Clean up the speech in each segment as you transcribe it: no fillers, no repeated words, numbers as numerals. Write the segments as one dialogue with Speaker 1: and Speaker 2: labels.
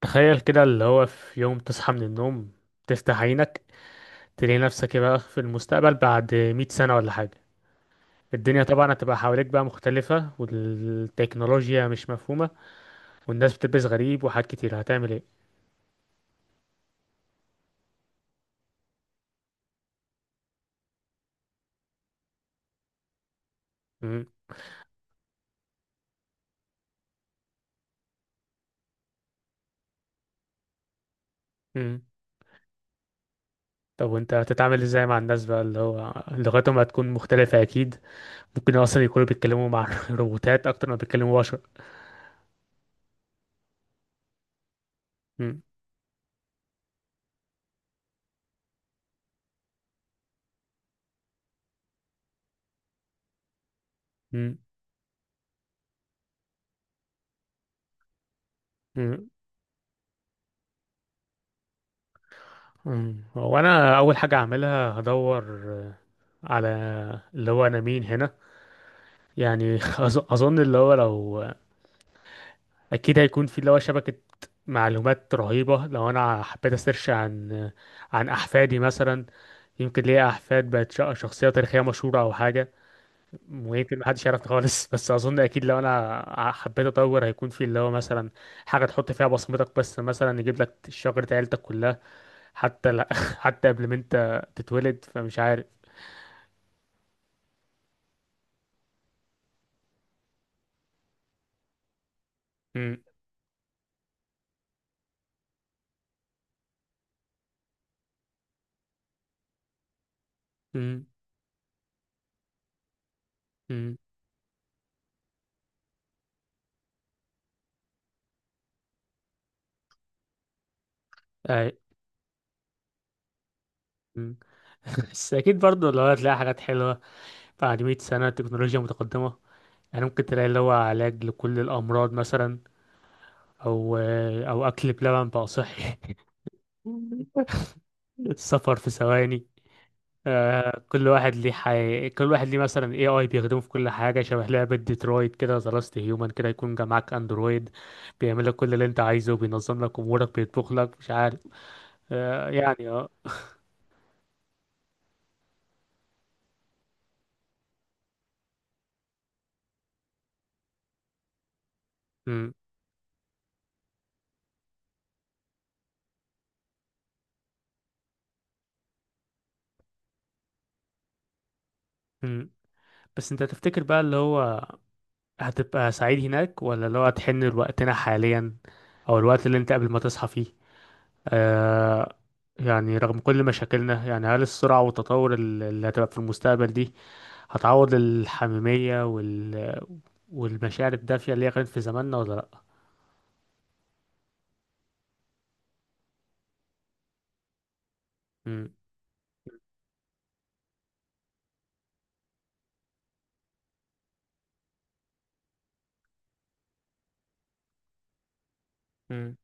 Speaker 1: تخيل كده اللي هو في يوم تصحى من النوم، تفتح عينك، تلاقي نفسك بقى في المستقبل بعد مئة سنة ولا حاجة. الدنيا طبعا هتبقى حواليك بقى مختلفة، والتكنولوجيا مش مفهومة، والناس بتلبس غريب وحاجات كتير. هتعمل ايه؟ مم. مم. طب وانت هتتعامل ازاي مع الناس بقى اللي هو لغتهم هتكون مختلفة أكيد؟ ممكن أصلا يكونوا بيتكلموا مع روبوتات أكتر ما بيتكلموا بشر. مم. مم. مم. مم. وأنا أول حاجة هعملها هدور على اللي هو أنا مين هنا. يعني اظن اللي هو لو، اكيد هيكون في اللي هو شبكة معلومات رهيبة. لو انا حبيت اسيرش عن عن احفادي مثلا، يمكن ليا احفاد بقت شخصية تاريخية مشهورة او حاجة، ويمكن محدش يعرف خالص. بس اظن اكيد لو انا حبيت اطور هيكون في اللي هو مثلا حاجة تحط فيها بصمتك، بس مثلا يجيب لك شجرة عيلتك كلها، حتى لا، حتى قبل ما انت تتولد، فمش عارف. امم. امم. امم. اي. مم. بس اكيد برضه لو هتلاقي حاجات حلوة بعد 100 سنة، تكنولوجيا متقدمة. يعني ممكن تلاقي اللي هو علاج لكل الأمراض مثلا، أو أو أكل بلبن بقى صحي. السفر في ثواني. آه، كل واحد ليه كل واحد ليه مثلا اي اي بيخدمه في كل حاجه، شبه لعبه ديترويت كده، ذا لاست هيومن كده، يكون جا معاك اندرويد بيعمل لك كل اللي انت عايزه، بينظم لك امورك، بيطبخ لك، مش عارف آه يعني اه. مم. مم. بس انت تفتكر بقى اللي هو هتبقى سعيد هناك، ولا لو هتحن لوقتنا حاليا، او الوقت اللي انت قبل ما تصحى فيه؟ آه، يعني رغم كل مشاكلنا، يعني هل السرعة والتطور اللي هتبقى في المستقبل دي هتعوض الحميمية والمشاعر الدافية اللي هي كانت في زماننا ولا لأ؟ مم. مم.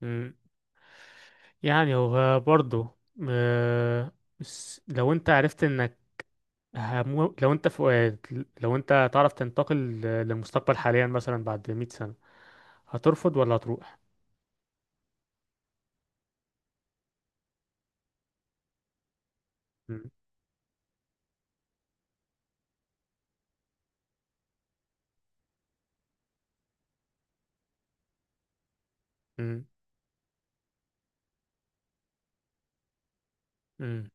Speaker 1: مم. يعني هو برضه آه. بس لو انت عرفت انك لو انت في، لو انت تعرف تنتقل للمستقبل حاليا مثلا بعد 100 سنة، هترفض ولا هتروح؟ مم. مم.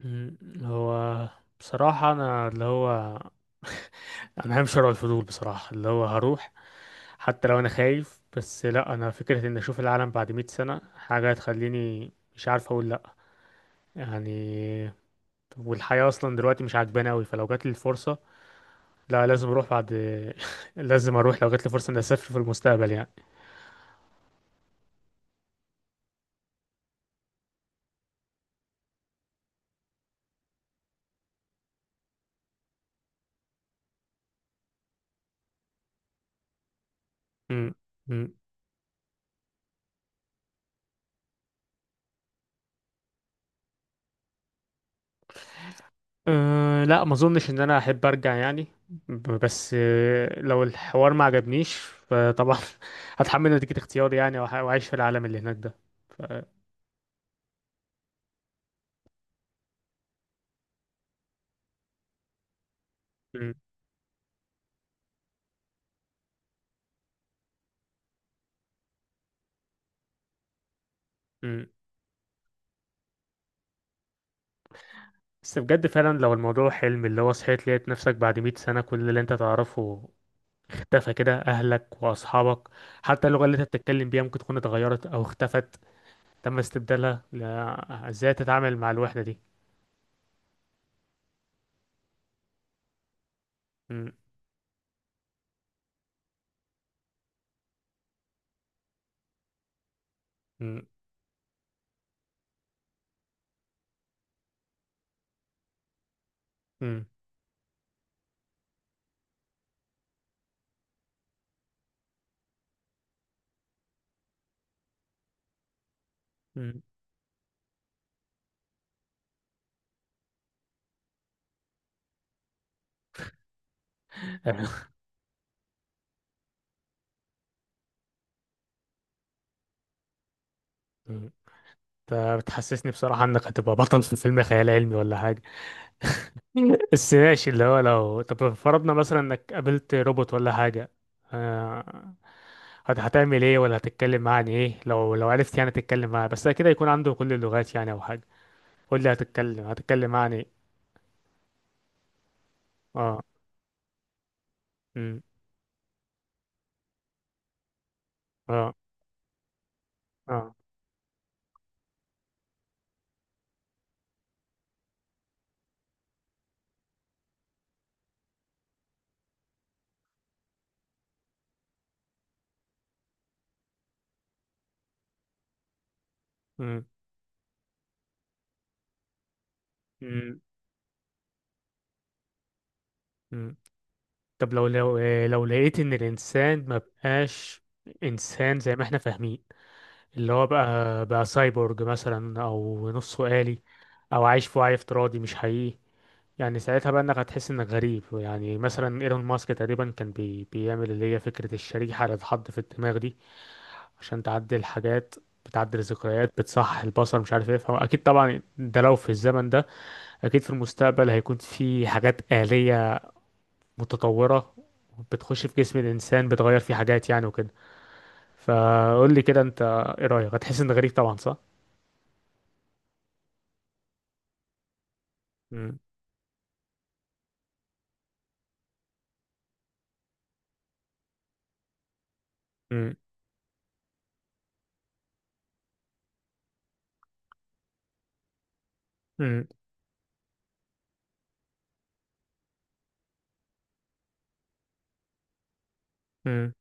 Speaker 1: مم. هو بصراحة أنا اللي هو، أنا بحب شراء الفضول بصراحة. اللي هو هروح حتى لو أنا خايف. بس لأ، أنا فكرة إن أشوف العالم بعد مئة سنة حاجة هتخليني مش عارف أقول لأ، يعني. والحياة أصلا دلوقتي مش عاجباني أوي، فلو جاتلي الفرصة لا، لازم أروح. بعد لازم أروح لو جاتلي فرصة إني أسافر في المستقبل، يعني. مم. أه لا، ما اظنش ان انا احب ارجع، يعني. بس آه، لو الحوار ما عجبنيش فطبعا هتحمل نتيجة اختياري، يعني، واعيش في العالم اللي هناك ده. ف... م- م. بس بجد فعلا لو الموضوع حلم، اللي هو صحيت لقيت نفسك بعد 100 سنة، كل اللي انت تعرفه اختفى كده، اهلك واصحابك، حتى اللغة اللي انت بتتكلم بيها ممكن تكون اتغيرت او اختفت، تم استبدالها، لا، ازاي تتعامل مع الوحدة دي؟ م- م- م- م. فبتحسسني بصراحة انك هتبقى بطل في فيلم خيال علمي ولا حاجة. بس ماشي، اللي هو لو طب فرضنا مثلا انك قابلت روبوت ولا حاجة، آه، هتعمل ايه، ولا هتتكلم معاه عن ايه؟ لو لو عرفت يعني تتكلم معاه، بس كده يكون عنده كل اللغات يعني او حاجة، قول لي هتتكلم معاه عن ايه؟ اه. امم. اه. اه. امم. امم. أمم. طب لو آه، لو لقيت ان الانسان ما بقاش انسان زي ما احنا فاهمين، اللي هو بقى سايبورج مثلا او نصه آلي، او عايش في وعي افتراضي مش حقيقي، يعني ساعتها بقى انك هتحس انك غريب. يعني مثلا ايلون ماسك تقريبا كان بيعمل اللي هي فكرة الشريحة اللي اتحط في الدماغ دي، عشان تعدل حاجات، بتعدل ذكريات، بتصحح البصر، مش عارف ايه. فاكيد طبعا ده لو في الزمن ده، اكيد في المستقبل هيكون في حاجات آلية متطورة بتخش في جسم الانسان، بتغير فيه حاجات يعني وكده. فقول لي كده انت، ايه رأيك؟ هتحس انك غريب طبعا صح؟ مم. مم. مم.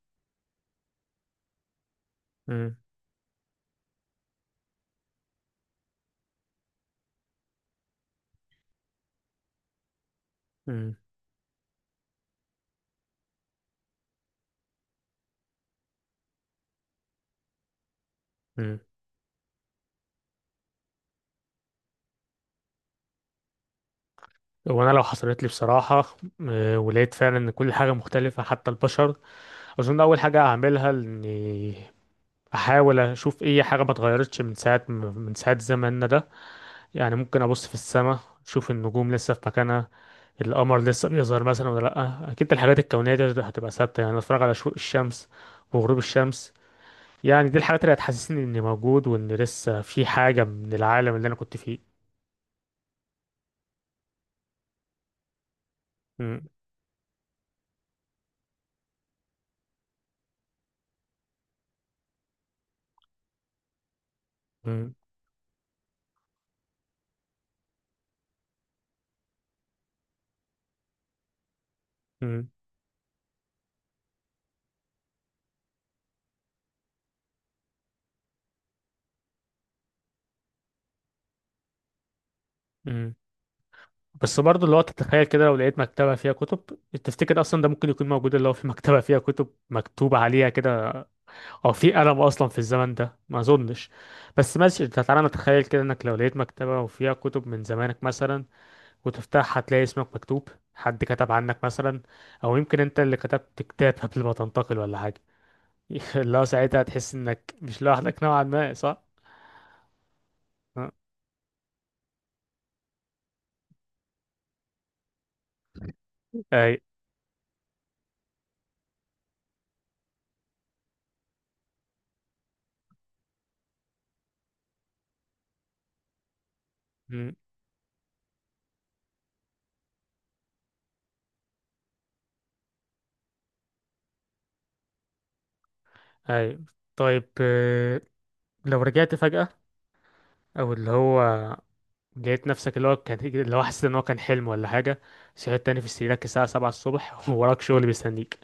Speaker 1: مم. مم. مم. وانا لو حصلت لي بصراحه، آه، ولقيت فعلا ان كل حاجه مختلفه حتى البشر، اظن اول حاجه هعملها اني احاول اشوف اي حاجه ما اتغيرتش من ساعه زماننا ده. يعني ممكن ابص في السماء اشوف النجوم لسه في مكانها، القمر لسه بيظهر مثلا ولا لا، اكيد الحاجات الكونيه دي هتبقى ثابته. يعني اتفرج على شروق الشمس وغروب الشمس، يعني دي الحاجات اللي هتحسسني اني موجود، وان لسه في حاجه من العالم اللي انا كنت فيه. مم. مم. مم. بس برضه اللي هو تتخيل كده لو لقيت مكتبة فيها كتب، تفتكر أصلا ده ممكن يكون موجود، اللي هو في مكتبة فيها كتب مكتوب عليها كده، أو في قلم أصلا في الزمن ده؟ ما أظنش. بس ماشي أنت، تعالى نتخيل كده إنك لو لقيت مكتبة وفيها كتب من زمانك مثلا، وتفتحها هتلاقي اسمك مكتوب، حد كتب عنك مثلا، أو يمكن أنت اللي كتبت كتاب قبل ما تنتقل ولا حاجة. اللي هو ساعتها هتحس إنك مش لوحدك نوعا ما صح؟ أه. أي. مم. أي. طيب آه، لو رجعت فجأة، او اللي هو لقيت نفسك اللي هو كان، اللي هو حسيت ان هو كان حلم ولا حاجه، صحيت تاني في سريرك الساعه 7 الصبح، ووراك شغل بيستنيك